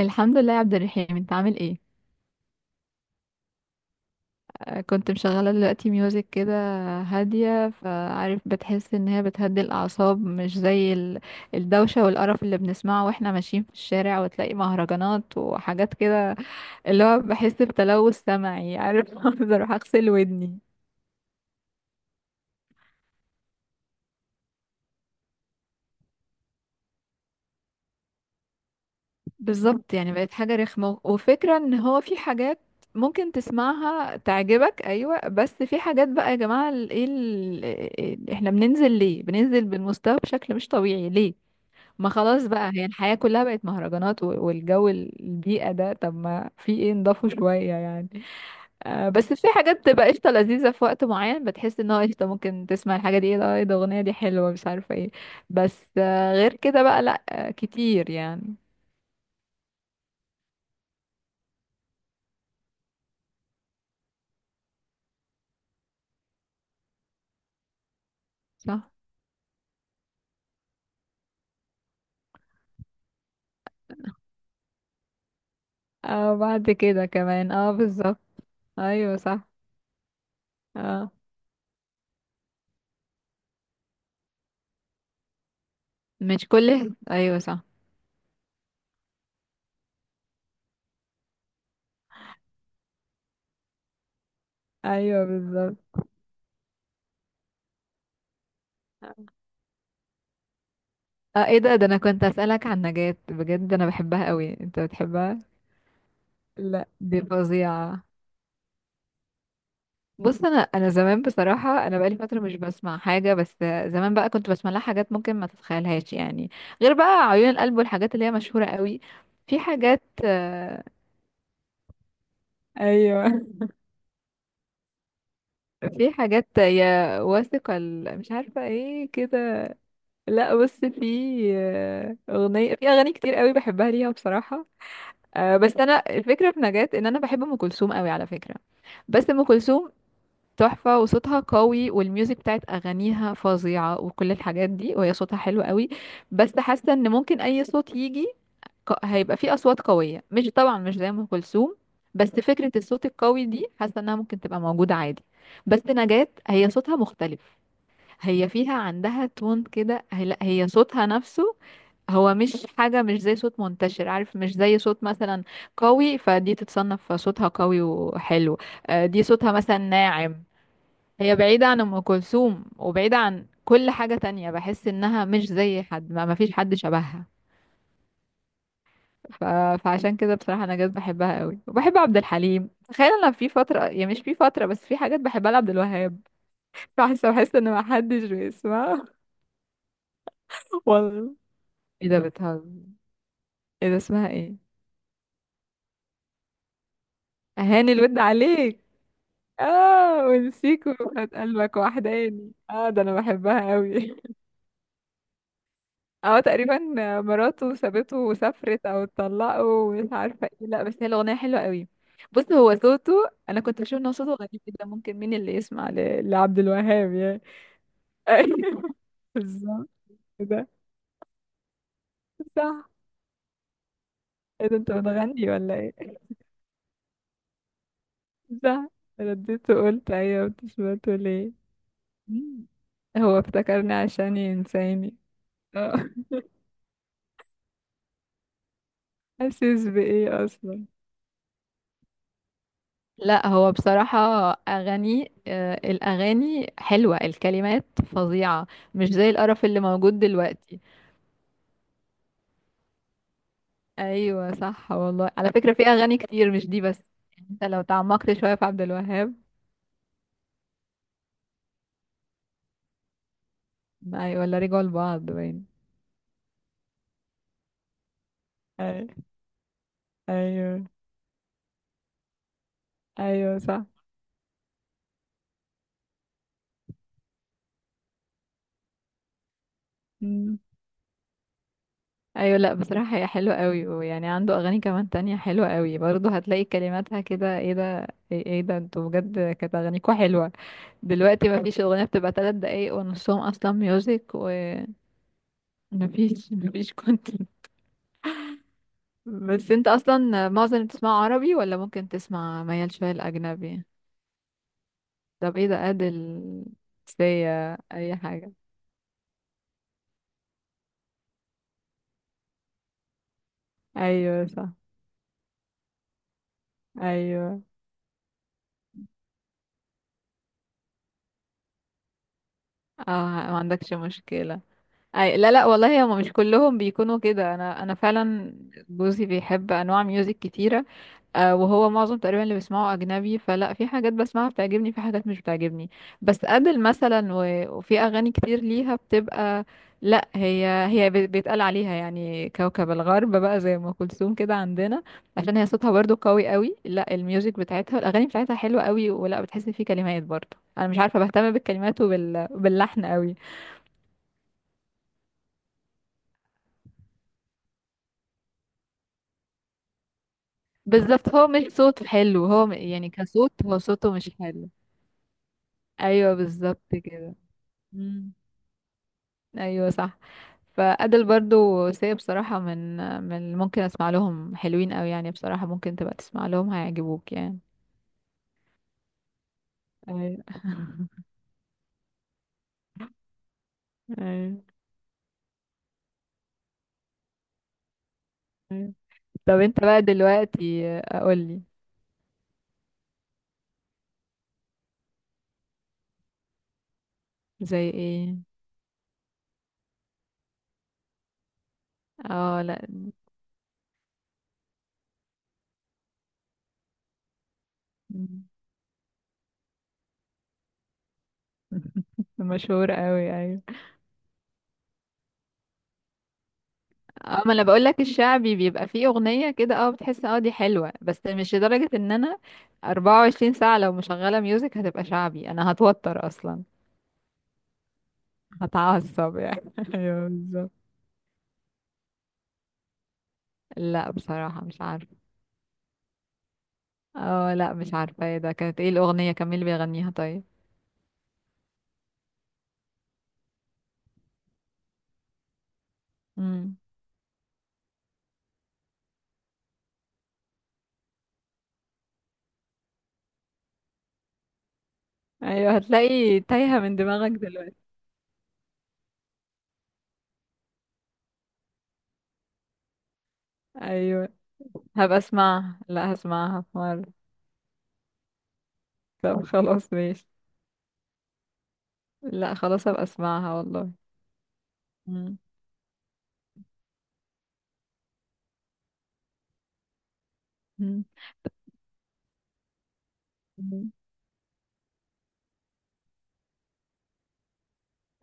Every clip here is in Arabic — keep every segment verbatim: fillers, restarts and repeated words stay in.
الحمد لله يا عبد الرحيم، انت عامل ايه؟ آه، كنت مشغله دلوقتي ميوزك كده هاديه، فعارف بتحس ان هي بتهدي الاعصاب، مش زي ال- الدوشه والقرف اللي بنسمعه واحنا ماشيين في الشارع، وتلاقي مهرجانات وحاجات كده، اللي هو بحس بتلوث سمعي، عارف؟ عاوزة اروح اغسل ودني. بالظبط، يعني بقت حاجه رخمه. وفكره ان هو في حاجات ممكن تسمعها تعجبك، ايوه، بس في حاجات بقى يا جماعه ال- ايه ال- احنا بننزل ليه؟ بننزل بالمستوى بشكل مش طبيعي ليه؟ ما خلاص بقى، هي الحياة كلها بقت مهرجانات، و- والجو ال- البيئة ده، طب ما في ايه نضافه شوية يعني. آه بس في حاجات بتبقى قشطة لذيذة في وقت معين، بتحس ان هو قشطة، ممكن تسمع الحاجة دي، ايه ده، ايه ده، اغنية دي حلوة، مش عارفة ايه. بس آه غير كده بقى لا، آه كتير يعني. صح. اه بعد كده كمان، اه بالظبط. ايوه صح. اه مش كل، ايوه صح. ايوه بالظبط. اه ايه ده، ده انا كنت اسألك عن نجاة بجد، انا بحبها قوي، انت بتحبها؟ لا دي فظيعة. بص، انا انا زمان بصراحه، انا بقالي فتره مش بسمع حاجه، بس زمان بقى كنت بسمع لها حاجات ممكن ما تتخيلهاش يعني، غير بقى عيون القلب والحاجات اللي هي مشهوره قوي. في حاجات، آه، ايوه، في حاجات يا واثقه ال- مش عارفه ايه كده. لا بص، في، آه، اغنيه، في اغاني كتير قوي بحبها ليها بصراحه. آه بس انا الفكره في نجاة ان انا بحب ام كلثوم قوي على فكره، بس ام كلثوم تحفة، وصوتها قوي، والميوزك بتاعت أغانيها فظيعة، وكل الحاجات دي، وهي صوتها حلو قوي. بس حاسة إن ممكن أي صوت يجي، ق- هيبقى فيه أصوات قوية، مش طبعا مش زي أم كلثوم، بس فكرة الصوت القوي دي حاسة إنها ممكن تبقى موجودة عادي. بس نجاة هي صوتها مختلف، هي فيها عندها تون كده، هي لا، هي صوتها نفسه هو مش حاجة، مش زي صوت منتشر، عارف؟ مش زي صوت مثلا قوي، فدي تتصنف صوتها قوي وحلو. آه دي صوتها مثلا ناعم، هي بعيدة عن أم كلثوم وبعيدة عن كل حاجة تانية، بحس إنها مش زي حد، ما مفيش حد شبهها. ف... فعشان كده بصراحة نجاة بحبها قوي، وبحب عبد الحليم، تخيل أنا في فترة، يعني مش في فترة، بس في حاجات بحبها لعبد الوهاب. بحس بحس إن محدش بيسمعها. والله. ايه ده، بتهزر؟ ايه ده، اسمها ايه؟ أهاني الود عليك. اه، ونسيك وفات قلبك وحداني، اه ده أنا بحبها قوي. اه تقريبا، مراته سابته وسافرت، او اتطلقوا ومش عارفه ايه، لا بس هي الاغنيه حلوه قوي. بص هو صوته، انا كنت بشوف ان هو صوته غريب جدا، ممكن مين اللي يسمع ل- لعبد الوهاب يعني. ايوه بالظبط كده. صح. ايه ده، انت بتغني ولا ايه؟ صح. رديت وقلت ايوه، انت سمعته ليه. مم. هو افتكرني عشان ينساني. اه حاسس بايه اصلا؟ لا هو بصراحة أغاني، آه، الأغاني حلوة، الكلمات فظيعة، مش زي القرف اللي موجود دلوقتي. أيوة صح، والله على فكرة في أغاني كتير مش دي بس، يعني انت لو تعمقت شوية في عبد الوهاب. أيوة، ولا رجعوا لبعض باين؟ أي- أيوة. أيوة صح. ايوه لا بصراحة هي حلوة قوي، ويعني عنده اغاني كمان تانية حلوة قوي برضه، هتلاقي كلماتها كده، ايه ده، ايه، إيه ده، انتوا بجد كانت اغانيكوا حلوة. دلوقتي مفيش اغنية بتبقى تلات دقايق ونصهم اصلا ميوزك ومفيش. مفيش كنت. بس انت اصلا معظم اللي بتسمعه عربي، ولا ممكن تسمع ميال شوية الاجنبي؟ طب ايه ده ادل، سيا، اي حاجة. ايوه صح. ايوه. اه. ما عندكش مشكلة. أي لا لا والله، هم مش كلهم بيكونوا كده، انا انا فعلا جوزي بيحب انواع ميوزك كتيره. آه وهو معظم تقريبا اللي بيسمعه اجنبي، فلا في حاجات بسمعها بتعجبني، في حاجات مش بتعجبني، بس ادل مثلا، و- وفي اغاني كتير ليها بتبقى. لا هي، هي بي- بيتقال عليها يعني كوكب الغرب بقى، زي ام كلثوم كده عندنا، عشان هي صوتها برضو قوي قوي. لا الميوزك بتاعتها، الاغاني بتاعتها حلوه قوي، ولا بتحس في كلمات برضو، انا مش عارفه بهتم بالكلمات، وبال... وباللحن قوي. بالظبط، هو مش صوته حلو، هو م- يعني كصوت هو صوته مش حلو. ايوه بالظبط كده. مم. ايوه صح. فأدل برضو، سي، بصراحة، من من اللي ممكن اسمع لهم حلوين قوي يعني، بصراحة ممكن تبقى تسمع لهم هيعجبوك يعني. ايوه. ايوه. أيوة. طب انت بقى دلوقتي. قولي. زي ايه؟ اه لا. مم. مشهور قوي، ايوه. اه ما انا بقول لك الشعبي بيبقى فيه اغنيه كده، اه بتحس اه دي حلوه، بس مش لدرجه ان انا اربعة وعشرين ساعه لو مشغله ميوزك هتبقى شعبي، انا هتوتر اصلا، هتعصب يعني. ايوه بالظبط. لا بصراحه مش عارفه. اه لا مش عارفه، ايه ده، كانت ايه الاغنيه، كان مين اللي بيغنيها طيب؟ امم. ايوه هتلاقي تايهه من دماغك دلوقتي. ايوه هبقى اسمعها، لا هسمعها في مره. طب خلاص ماشي. لا خلاص هبقى اسمعها والله. امم. أمم. أمم.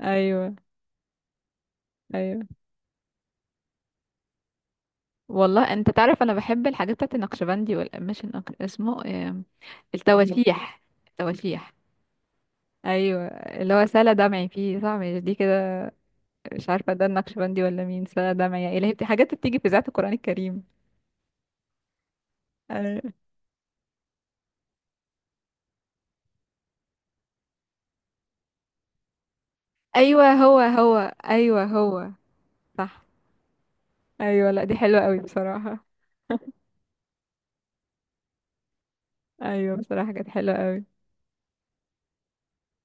ايوه. ايوه والله، انت تعرف انا بحب الحاجات بتاعت النقشبندي والقماش، النق- اسمه إيه؟ التواشيح. التواشيح ايوه، اللي هو سلا دمعي فيه، صح؟ مش دي كده؟ مش عارفه ده النقشبندي ولا مين، سلا دمعي يا الهي، بت- حاجات بتيجي في ذات القران الكريم. ايوه ايوه هو هو. ايوه هو. صح. ايوه لا دي حلوه قوي بصراحه. ايوه بصراحه كانت حلوه قوي.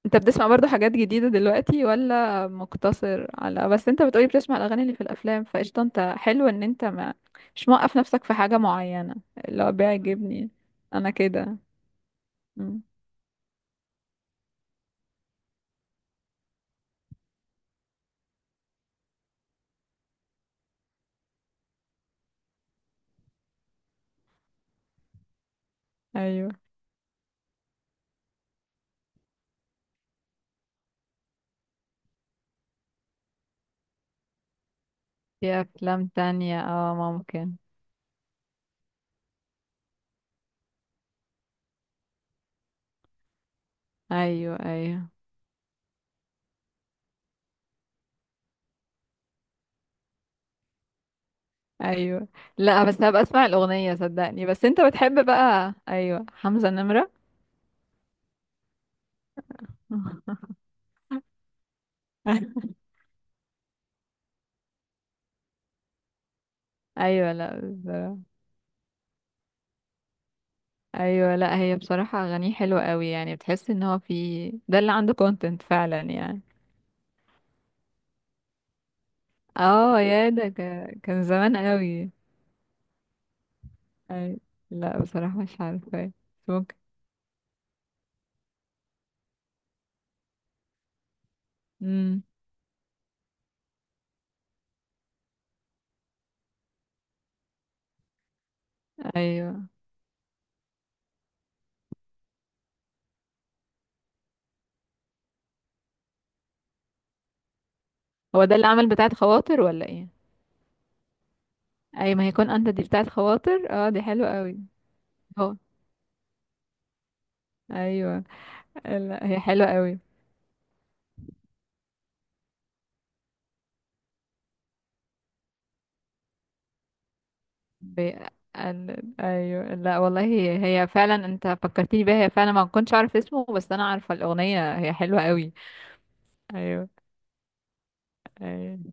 انت بتسمع برضو حاجات جديدة دلوقتي، ولا مقتصر على، بس انت بتقولي بتسمع الأغاني اللي في الأفلام، فقشطة انت، حلو ان انت ما مش موقف نفسك في حاجة معينة، اللي هو بيعجبني، انا كده. مم. ايوه في أفلام تانية، اه ممكن. ايوه. ايوه. ايوه لا. بس هبقى اسمع الأغنية صدقني. بس انت بتحب بقى، ايوه حمزة نمرة. ايوه لا بصراحة. ايوه لا هي بصراحة اغانيه حلوة قوي، يعني بتحس ان هو في ده اللي عنده كونتنت فعلا يعني. اه يا ده ك- كان زمان قوي. أي. لا بصراحة مش عارفة، بس ممكن. امم. ايوه هو ده اللي عمل بتاعة خواطر ولا ايه؟ اي ما هيكون انت، دي بتاعة خواطر، اه دي حلوة قوي. هو. ايوه. لا هي حلوة قوي. ب... ال- ايوه لا والله هي, هي فعلا، انت فكرتني بيها، هي فعلا ما كنتش عارف اسمه، بس انا عارفة الأغنية، هي حلوة قوي. ايوه. ايوه.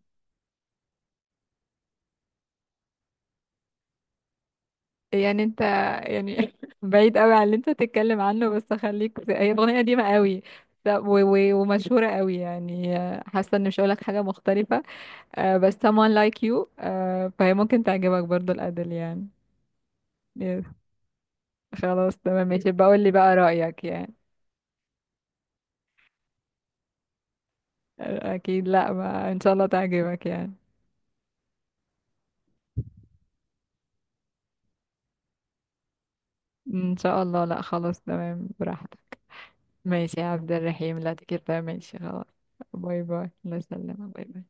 يعني انت، يعني بعيد قوي عن اللي انت تتكلم عنه، بس خليك في- هي اغنيه قديمه قوي، ف- و- و- ومشهوره قوي يعني، آه حاسه ان مش هقولك حاجه مختلفه، آه بس someone like you، آه فهي ممكن تعجبك برضو الادل يعني. يس، خلاص تمام ماشي، بقول لي بقى رايك يعني. آه اكيد، لا ما ان شاء الله تعجبك يعني. ان شاء الله، لا خلاص تمام براحتك. ماشي يا عبد الرحيم، لا تكتر، ماشي خلاص. باي باي، الله يسلمك، باي باي.